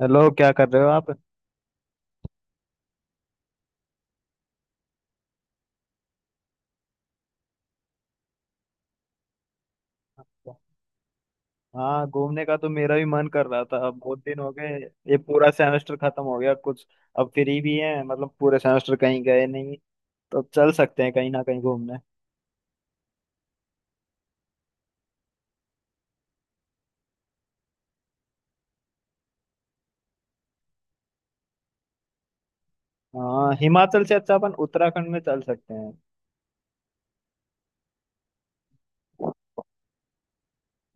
Hello, क्या कर रहे हो आप। हाँ, घूमने का तो मेरा भी मन कर रहा था। अब बहुत दिन हो गए। ये पूरा सेमेस्टर खत्म हो गया कुछ। अब फ्री भी है, मतलब पूरे सेमेस्टर कहीं गए नहीं। तो चल सकते हैं कहीं ना कहीं घूमने। हाँ, हिमाचल से अच्छा अपन उत्तराखंड में चल सकते हैं।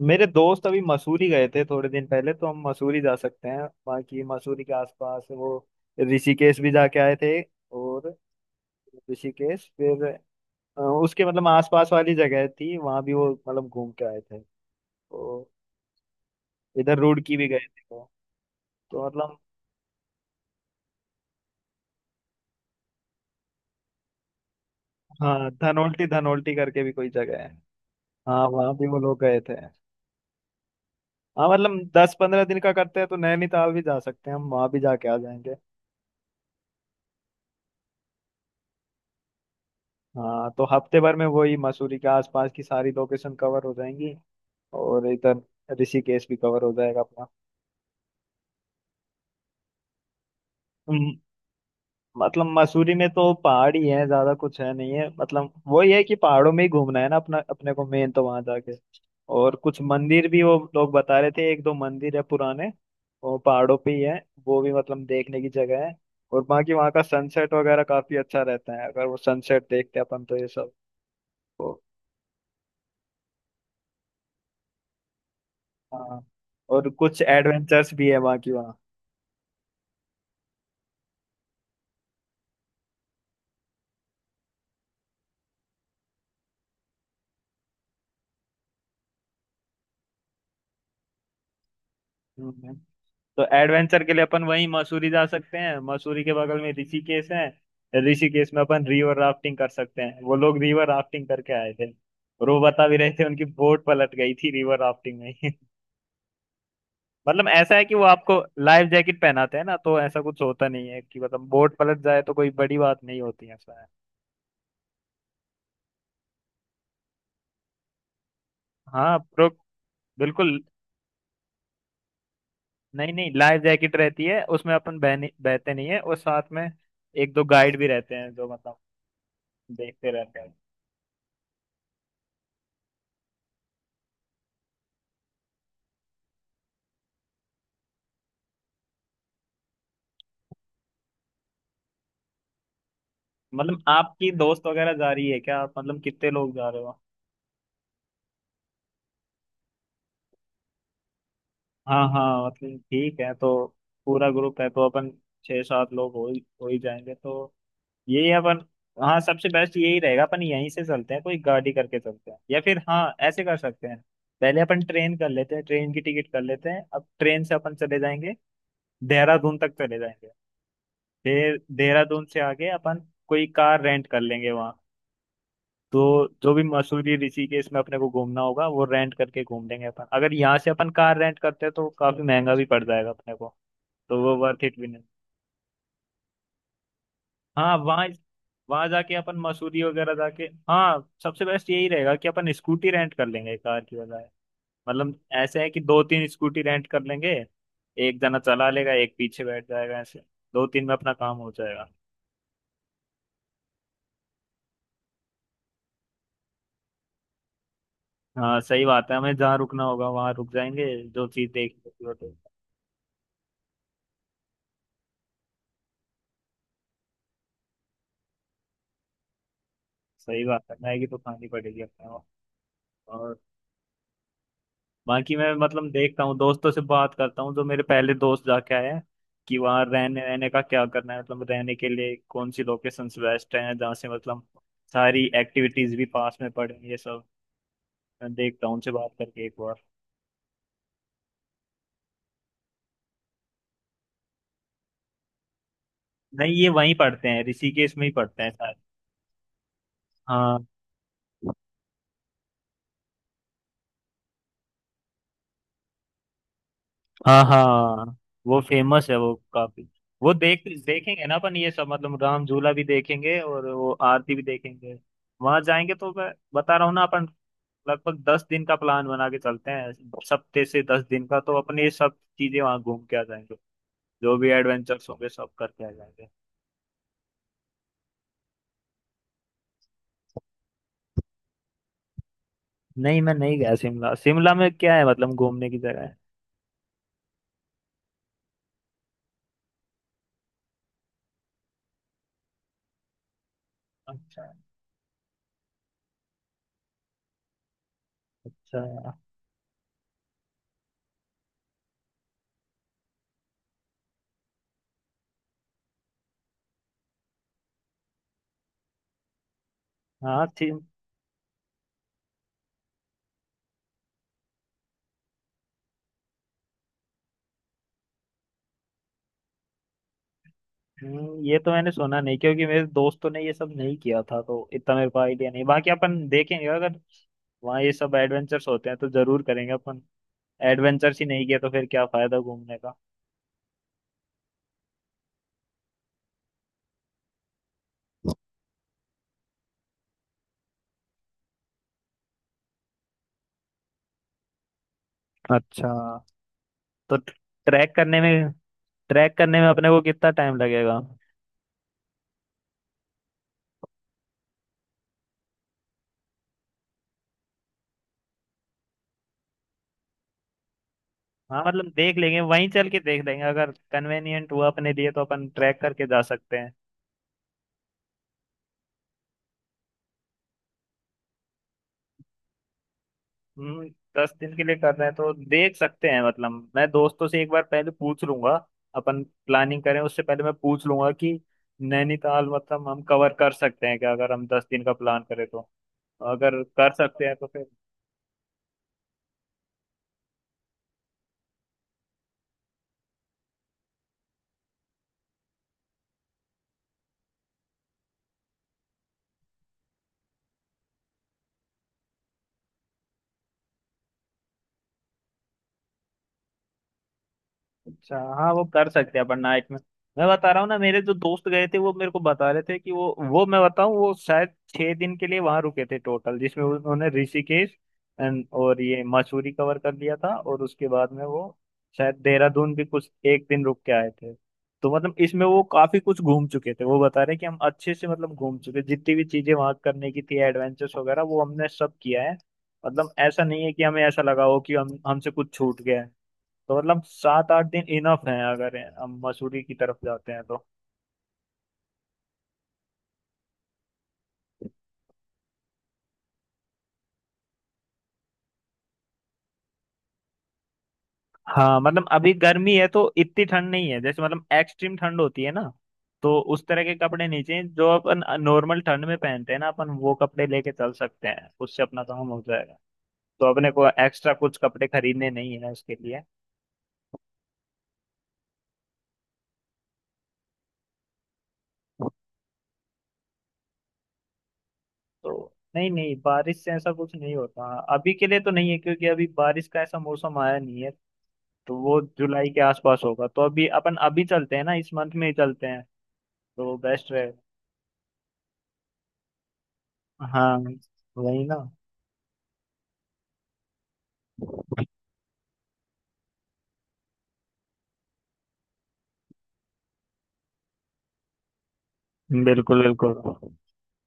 मेरे दोस्त अभी मसूरी गए थे थोड़े दिन पहले, तो हम मसूरी जा सकते हैं। बाकी मसूरी के आसपास वो ऋषिकेश भी जाके आए थे। और ऋषिकेश फिर उसके मतलब आसपास वाली जगह थी, वहां भी वो मतलब घूम के आए थे। तो इधर रुड़की भी गए थे वो। तो मतलब। हाँ, धनोल्टी धनोल्टी करके भी कोई जगह है। हाँ, वहां भी वो लोग गए थे। हाँ, मतलब 10-15 दिन का करते हैं तो नैनीताल भी जा सकते हैं, हम वहां भी जाके आ जाएंगे। हाँ, तो हफ्ते भर में वही मसूरी के आसपास की सारी लोकेशन कवर हो जाएंगी। और इधर ऋषिकेश भी कवर हो जाएगा अपना। मतलब मसूरी में तो पहाड़ ही है, ज्यादा कुछ है नहीं है। मतलब वही है कि पहाड़ों में ही घूमना है ना अपना, अपने को मेन, तो वहां जाके। और कुछ मंदिर भी वो लोग बता रहे थे, एक दो मंदिर है पुराने। वो पहाड़ों पे ही है, वो भी मतलब देखने की जगह है। और बाकी वहाँ का सनसेट वगैरह काफी अच्छा रहता है, अगर वो सनसेट देखते हैं अपन तो ये सब। तो हाँ। और कुछ एडवेंचर्स भी है बाकी वहाँ। हम्म। हम्म। तो एडवेंचर के लिए अपन वहीं मसूरी जा सकते हैं, मसूरी के बगल में ऋषिकेश है। ऋषिकेश में अपन रिवर राफ्टिंग कर सकते हैं, वो लोग रिवर राफ्टिंग करके आए थे। और वो बता भी रहे थे, उनकी बोट पलट गई थी रिवर राफ्टिंग में ही। मतलब ऐसा है कि वो आपको लाइफ जैकेट पहनाते हैं ना, तो ऐसा कुछ होता नहीं है कि मतलब बोट पलट जाए तो कोई बड़ी बात नहीं होती है, ऐसा है। हाँ, प्रो बिल्कुल। नहीं नहीं, लाइफ जैकेट रहती है उसमें। अपन बह नहीं- बहते नहीं है, और साथ में एक दो गाइड भी रहते हैं जो मतलब देखते रहते हैं। मतलब आपकी दोस्त वगैरह जा रही है क्या आप, मतलब कितने लोग जा रहे हो? हाँ हाँ, मतलब ठीक है। तो पूरा ग्रुप है तो अपन 6-7 लोग हो ही जाएंगे। तो यही अपन। हाँ, सबसे बेस्ट यही रहेगा। अपन यहीं से चलते हैं, कोई गाड़ी करके चलते हैं, या फिर हाँ ऐसे कर सकते हैं। पहले अपन ट्रेन कर लेते हैं, ट्रेन की टिकट कर लेते हैं। अब ट्रेन से अपन चले जाएंगे, देहरादून तक चले जाएंगे। फिर देहरादून से आगे अपन कोई कार रेंट कर लेंगे वहाँ। तो जो भी मसूरी ऋषिकेश में अपने को घूमना होगा वो रेंट करके घूम लेंगे अपन। अगर यहाँ से अपन कार रेंट करते हैं तो काफी महंगा भी पड़ जाएगा अपने को, तो वो वर्थ इट भी नहीं। हाँ, वहाँ वहाँ जाके अपन मसूरी वगैरह जाके, हाँ सबसे बेस्ट यही रहेगा कि अपन स्कूटी रेंट कर लेंगे कार की बजाय। मतलब ऐसे है कि 2-3 स्कूटी रेंट कर लेंगे, एक जना चला लेगा एक पीछे बैठ जाएगा, ऐसे 2-3 में अपना काम हो जाएगा। हाँ सही बात है, हमें जहाँ रुकना होगा वहाँ रुक जाएंगे, जो चीज देखनी होगी वो देख। सही बात है, मैगी तो खानी पड़ेगी अपने। और बाकी मैं मतलब देखता हूँ, दोस्तों से बात करता हूँ जो मेरे पहले दोस्त जाके आए हैं, कि वहाँ रहने रहने का क्या करना है। मतलब रहने के लिए कौन सी लोकेशंस बेस्ट हैं, जहाँ से मतलब सारी एक्टिविटीज भी पास में पड़े, ये सब। मैं देखता हूँ उनसे बात करके एक बार। नहीं, ये वहीं पढ़ते हैं, ऋषिकेश में ही पढ़ते हैं शायद। हाँ हाँ। हाँ, वो फेमस है वो काफी। वो देखेंगे ना अपन ये सब, मतलब राम झूला भी देखेंगे और वो आरती भी देखेंगे। वहां जाएंगे तो मैं बता रहा हूँ ना अपन, लगभग 10 दिन का प्लान बना के चलते हैं। सप्ते से 10 दिन का तो अपन ये सब चीजें वहां घूम के आ जाएंगे, जो भी एडवेंचर्स होंगे सब करके आ जाएंगे। नहीं, मैं नहीं गया शिमला। शिमला में क्या है, मतलब घूमने की जगह है? अच्छा अच्छा। हाँ। ये तो मैंने सुना नहीं, क्योंकि मेरे दोस्तों ने ये सब नहीं किया था तो इतना मेरे को आइडिया नहीं। बाकी अपन देखेंगे, अगर वहाँ ये सब एडवेंचर्स होते हैं तो जरूर करेंगे अपन। एडवेंचर्स ही नहीं किया तो फिर क्या फायदा घूमने का। अच्छा, तो ट्रैक करने में अपने को कितना टाइम लगेगा? हाँ, मतलब देख लेंगे, वहीं चल के देख लेंगे। अगर कन्वेनियंट हुआ अपने लिए तो अपन ट्रैक करके जा सकते हैं। हम्म। 10 दिन के लिए कर रहे हैं तो देख सकते हैं। मतलब मैं दोस्तों से एक बार पहले पूछ लूंगा, अपन प्लानिंग करें उससे पहले मैं पूछ लूंगा कि नैनीताल मतलब हम कवर कर सकते हैं क्या, अगर हम 10 दिन का प्लान करें तो? अगर कर सकते हैं तो फिर। अच्छा हाँ, वो कर सकते हैं अपन नाइट में। मैं बता रहा हूँ ना, मेरे जो दोस्त गए थे वो मेरे को बता रहे थे कि वो मैं बताऊँ, वो शायद 6 दिन के लिए वहां रुके थे टोटल, जिसमें उन्होंने ऋषिकेश और ये मसूरी कवर कर लिया था। और उसके बाद में वो शायद देहरादून भी कुछ एक दिन रुक के आए थे। तो मतलब इसमें वो काफी कुछ घूम चुके थे। वो बता रहे कि हम अच्छे से मतलब घूम चुके, जितनी भी चीजें वहां करने की थी एडवेंचर्स वगैरह वो हमने सब किया है। मतलब ऐसा नहीं है कि हमें ऐसा लगा हो कि हम हमसे कुछ छूट गया है। तो मतलब 7-8 दिन इनफ है, अगर हम मसूरी की तरफ जाते हैं तो। हाँ, मतलब अभी गर्मी है तो इतनी ठंड नहीं है, जैसे मतलब एक्सट्रीम ठंड होती है ना, तो उस तरह के कपड़े नहीं चाहिए। जो अपन नॉर्मल ठंड में पहनते हैं ना, अपन वो कपड़े लेके चल सकते हैं, उससे अपना काम हो जाएगा। तो अपने को एक्स्ट्रा कुछ कपड़े खरीदने नहीं है उसके लिए। तो नहीं नहीं, बारिश से ऐसा कुछ नहीं होता। अभी के लिए तो नहीं है, क्योंकि अभी बारिश का ऐसा मौसम आया नहीं है। तो वो जुलाई के आसपास होगा, तो अभी अपन, अभी चलते हैं ना, इस मंथ में ही चलते हैं, तो वो बेस्ट रहेगा। हाँ वही ना। बिल्कुल बिल्कुल।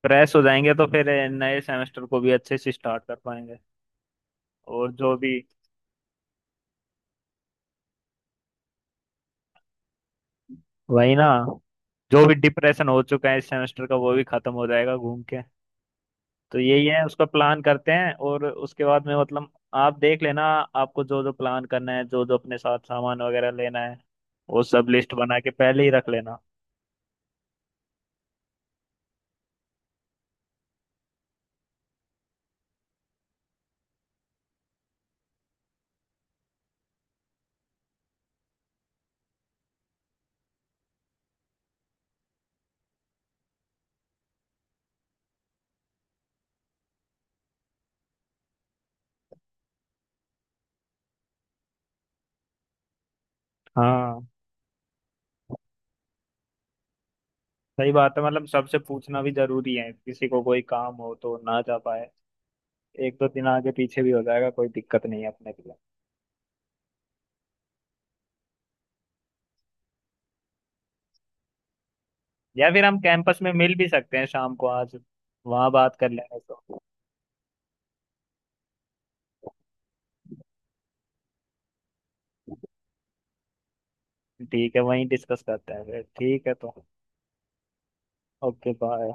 फ्रेश हो जाएंगे तो फिर नए सेमेस्टर को भी अच्छे से स्टार्ट कर पाएंगे। और जो भी वही ना, जो भी डिप्रेशन हो चुका है इस सेमेस्टर का वो भी खत्म हो जाएगा घूम के। तो यही है, उसका प्लान करते हैं, और उसके बाद में मतलब आप देख लेना। आपको जो जो प्लान करना है, जो जो अपने साथ सामान वगैरह लेना है, वो सब लिस्ट बना के पहले ही रख लेना। हाँ सही बात है, मतलब सबसे पूछना भी जरूरी है, किसी को कोई काम हो तो ना जा पाए। एक दो दिन आगे पीछे भी हो जाएगा, कोई दिक्कत नहीं है अपने के लिए। या फिर हम कैंपस में मिल भी सकते हैं शाम को आज, वहां बात कर लेंगे तो। ठीक है, वहीं डिस्कस करते हैं फिर। ठीक है तो ओके बाय।